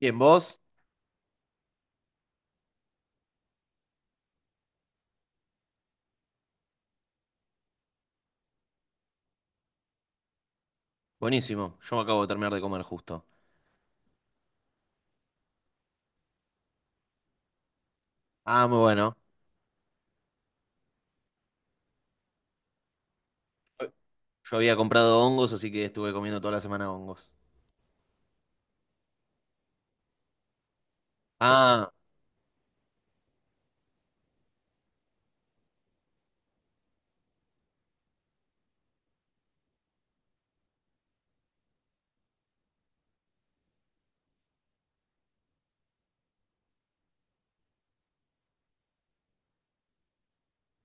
Bien, ¿vos? Buenísimo. Yo me acabo de terminar de comer justo. Ah, muy bueno. Yo había comprado hongos, así que estuve comiendo toda la semana hongos. Ah,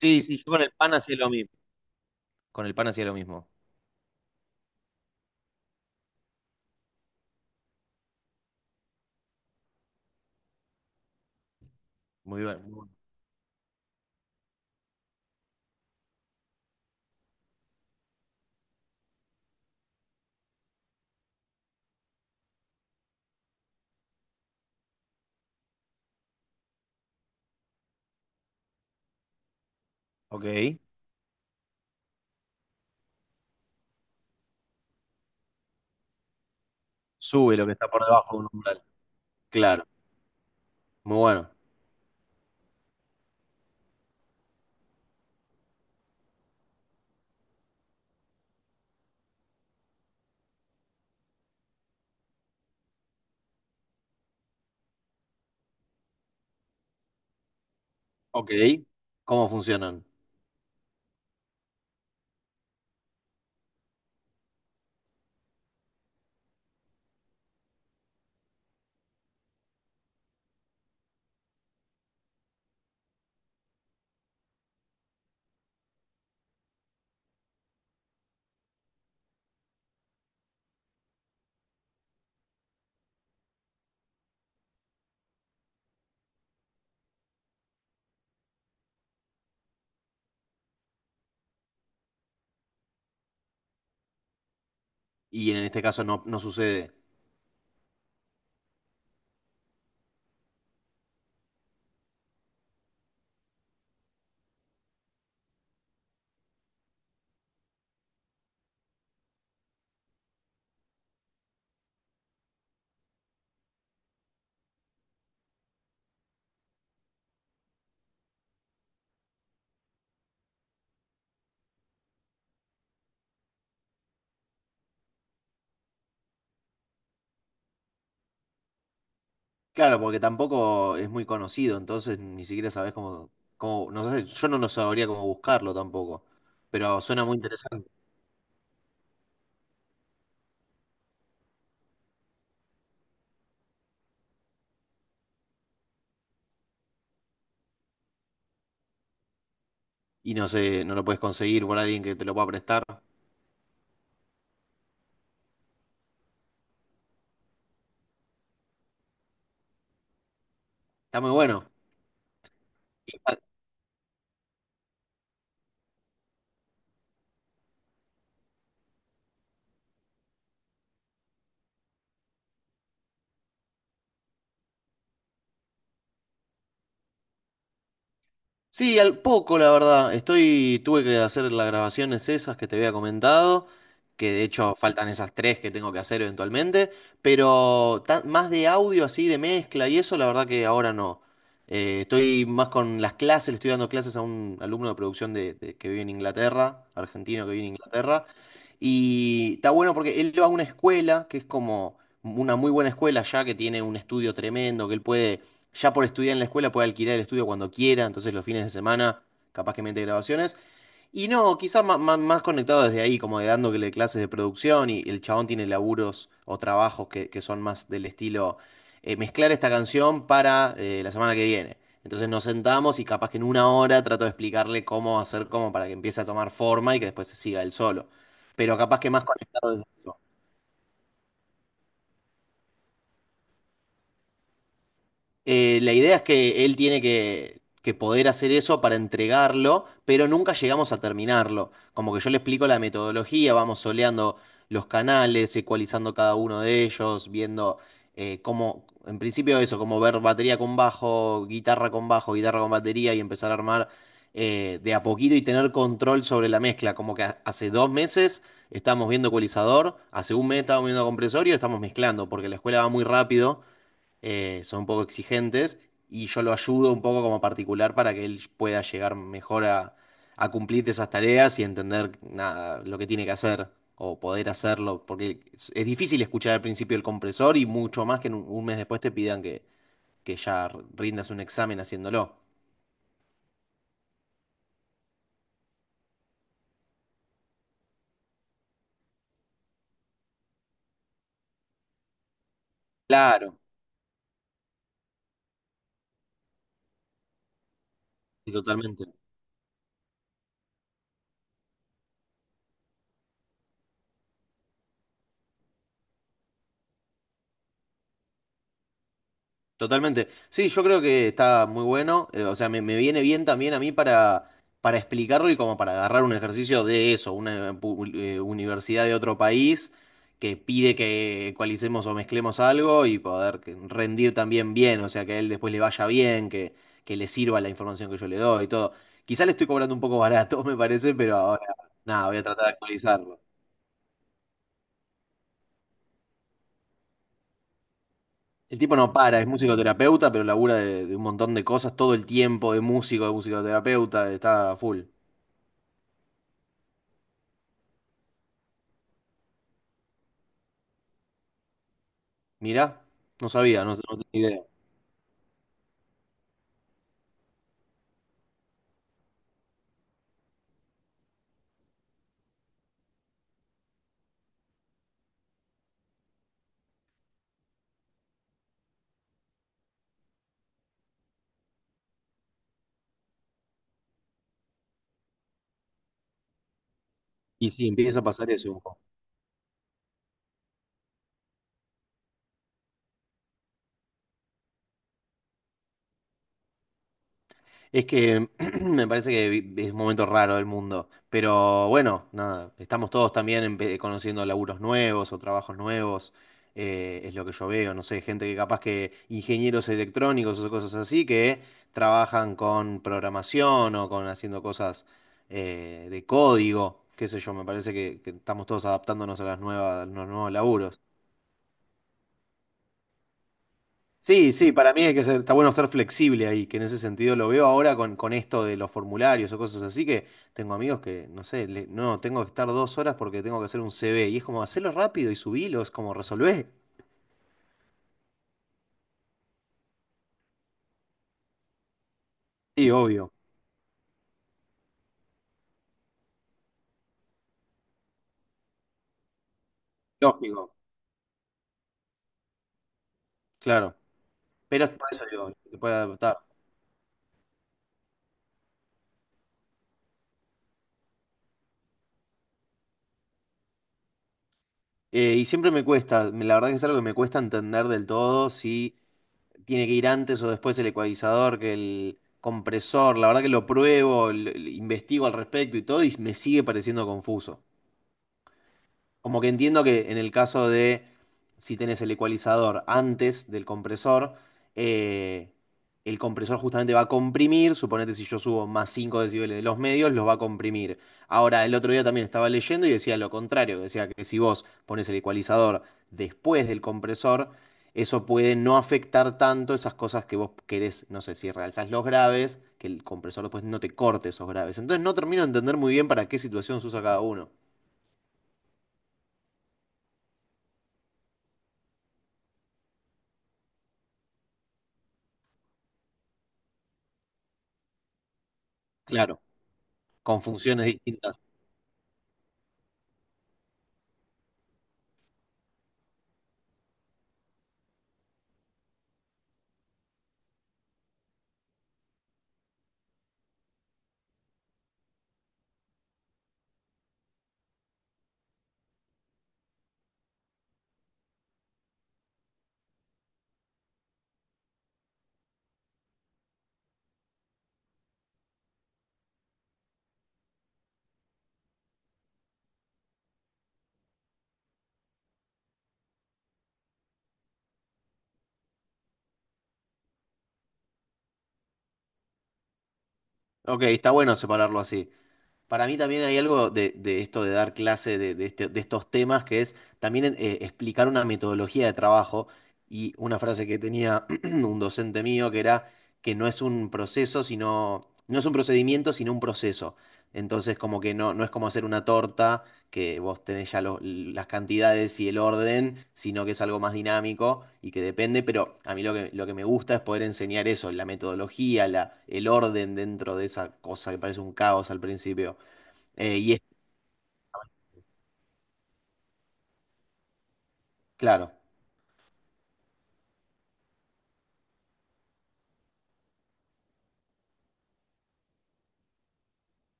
sí, sí, yo con el pan hacía lo mismo. Con el pan hacía lo mismo. Muy bien. Muy bueno. Ok. Sube lo que está por debajo de un umbral. Claro. Muy bueno. Ok. ¿Cómo funcionan? Y en este caso no, no sucede. Claro, porque tampoco es muy conocido, entonces ni siquiera sabés cómo, no sé, yo no lo sabría cómo buscarlo tampoco. Pero suena muy interesante. Y no sé, no lo puedes conseguir por alguien que te lo pueda prestar. Está muy bueno. Sí, al poco, la verdad. Estoy, tuve que hacer las grabaciones esas que te había comentado, que de hecho faltan esas tres que tengo que hacer eventualmente, pero más de audio así, de mezcla y eso, la verdad que ahora no. Estoy más con las clases, le estoy dando clases a un alumno de producción que vive en Inglaterra, argentino que vive en Inglaterra, y está bueno porque él va a una escuela que es como una muy buena escuela ya, que tiene un estudio tremendo, que él puede ya por estudiar en la escuela puede alquilar el estudio cuando quiera, entonces los fines de semana capaz que mete grabaciones. Y no, quizás más, conectado desde ahí, como de dándole clases de producción y el chabón tiene laburos o trabajos que son más del estilo mezclar esta canción para la semana que viene. Entonces nos sentamos y capaz que en una hora trato de explicarle cómo hacer, cómo para que empiece a tomar forma y que después se siga él solo. Pero capaz que más conectado desde eso. La idea es que él tiene que poder hacer eso para entregarlo, pero nunca llegamos a terminarlo. Como que yo le explico la metodología, vamos soleando los canales, ecualizando cada uno de ellos, viendo cómo, en principio eso, como ver batería con bajo, guitarra con bajo, guitarra con batería y empezar a armar de a poquito y tener control sobre la mezcla. Como que hace 2 meses estamos viendo ecualizador, hace un mes estamos viendo compresor y lo estamos mezclando, porque la escuela va muy rápido, son un poco exigentes y yo lo ayudo un poco como particular para que él pueda llegar mejor a, cumplir esas tareas y entender nada, lo que tiene que hacer o poder hacerlo, porque es, difícil escuchar al principio el compresor y mucho más que en un, mes después te pidan que ya rindas un examen haciéndolo. Claro. Sí, totalmente. Totalmente. Sí, yo creo que está muy bueno. O sea, me, viene bien también a mí para explicarlo y como para agarrar un ejercicio de eso, una universidad de otro país que pide que ecualicemos o mezclemos algo y poder rendir también bien. O sea, que a él después le vaya bien, que, le sirva la información que yo le doy y todo. Quizá le estoy cobrando un poco barato, me parece, pero ahora, nada, voy a tratar de actualizarlo. El tipo no para, es musicoterapeuta, pero labura de un montón de cosas todo el tiempo, de músico, de musicoterapeuta, está full. Mirá, no sabía, no tenía idea. Y sí, empieza a pasar eso. Es que me parece que es un momento raro del mundo, pero bueno, nada, estamos todos también conociendo laburos nuevos o trabajos nuevos, es lo que yo veo, no sé, gente que capaz que ingenieros electrónicos o cosas así que trabajan con programación o con haciendo cosas de código, qué sé yo, me parece que, estamos todos adaptándonos a las nuevas, a los nuevos laburos. Sí, sí, para mí hay que ser, está bueno ser flexible ahí, que en ese sentido lo veo ahora con esto de los formularios o cosas así, que tengo amigos que, no sé, no, tengo que estar 2 horas porque tengo que hacer un CV, y es como, hacerlo rápido y subilo, es como, resolver. Sí, obvio, lógico, claro, pero es por eso digo, se puede adaptar. Y siempre me cuesta, la verdad que es algo que me cuesta entender del todo si tiene que ir antes o después el ecualizador, que el compresor, la verdad que lo pruebo, investigo al respecto y todo, y me sigue pareciendo confuso. Como que entiendo que en el caso de si tenés el ecualizador antes del compresor, eh, el compresor justamente va a comprimir, suponete si yo subo más 5 decibeles de los medios, los va a comprimir. Ahora, el otro día también estaba leyendo y decía lo contrario, decía que si vos pones el ecualizador después del compresor, eso puede no afectar tanto esas cosas que vos querés, no sé, si realzás los graves, que el compresor después no te corte esos graves. Entonces no termino de entender muy bien para qué situación se usa cada uno. Claro. Con funciones distintas. Ok, está bueno separarlo así. Para mí también hay algo de, esto de dar clase de estos temas, que es también explicar una metodología de trabajo y una frase que tenía un docente mío que era que no es un proceso, sino, no es un procedimiento, sino un proceso. Entonces, como que no, no es como hacer una torta, que vos tenés ya las cantidades y el orden, sino que es algo más dinámico y que depende, pero a mí lo que, me gusta es poder enseñar eso, la metodología, el orden dentro de esa cosa que parece un caos al principio. Y es claro,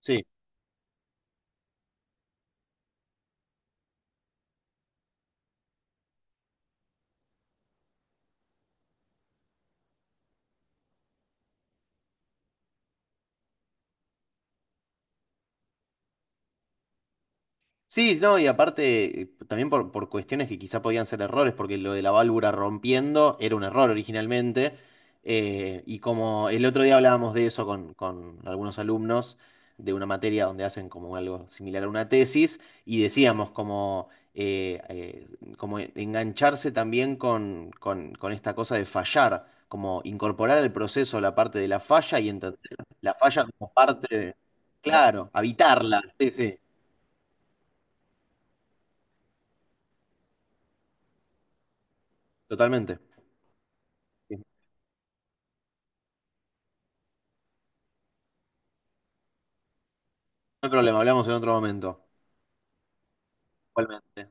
sí. Sí, no, y aparte, también por, cuestiones que quizá podían ser errores, porque lo de la válvula rompiendo era un error originalmente, y como el otro día hablábamos de eso con, algunos alumnos de una materia donde hacen como algo similar a una tesis, y decíamos como, como engancharse también con esta cosa de fallar, como incorporar al proceso la parte de la falla y entender la falla como parte de, claro, habitarla, sí, sí, totalmente. Hay problema, hablamos en otro momento. Igualmente.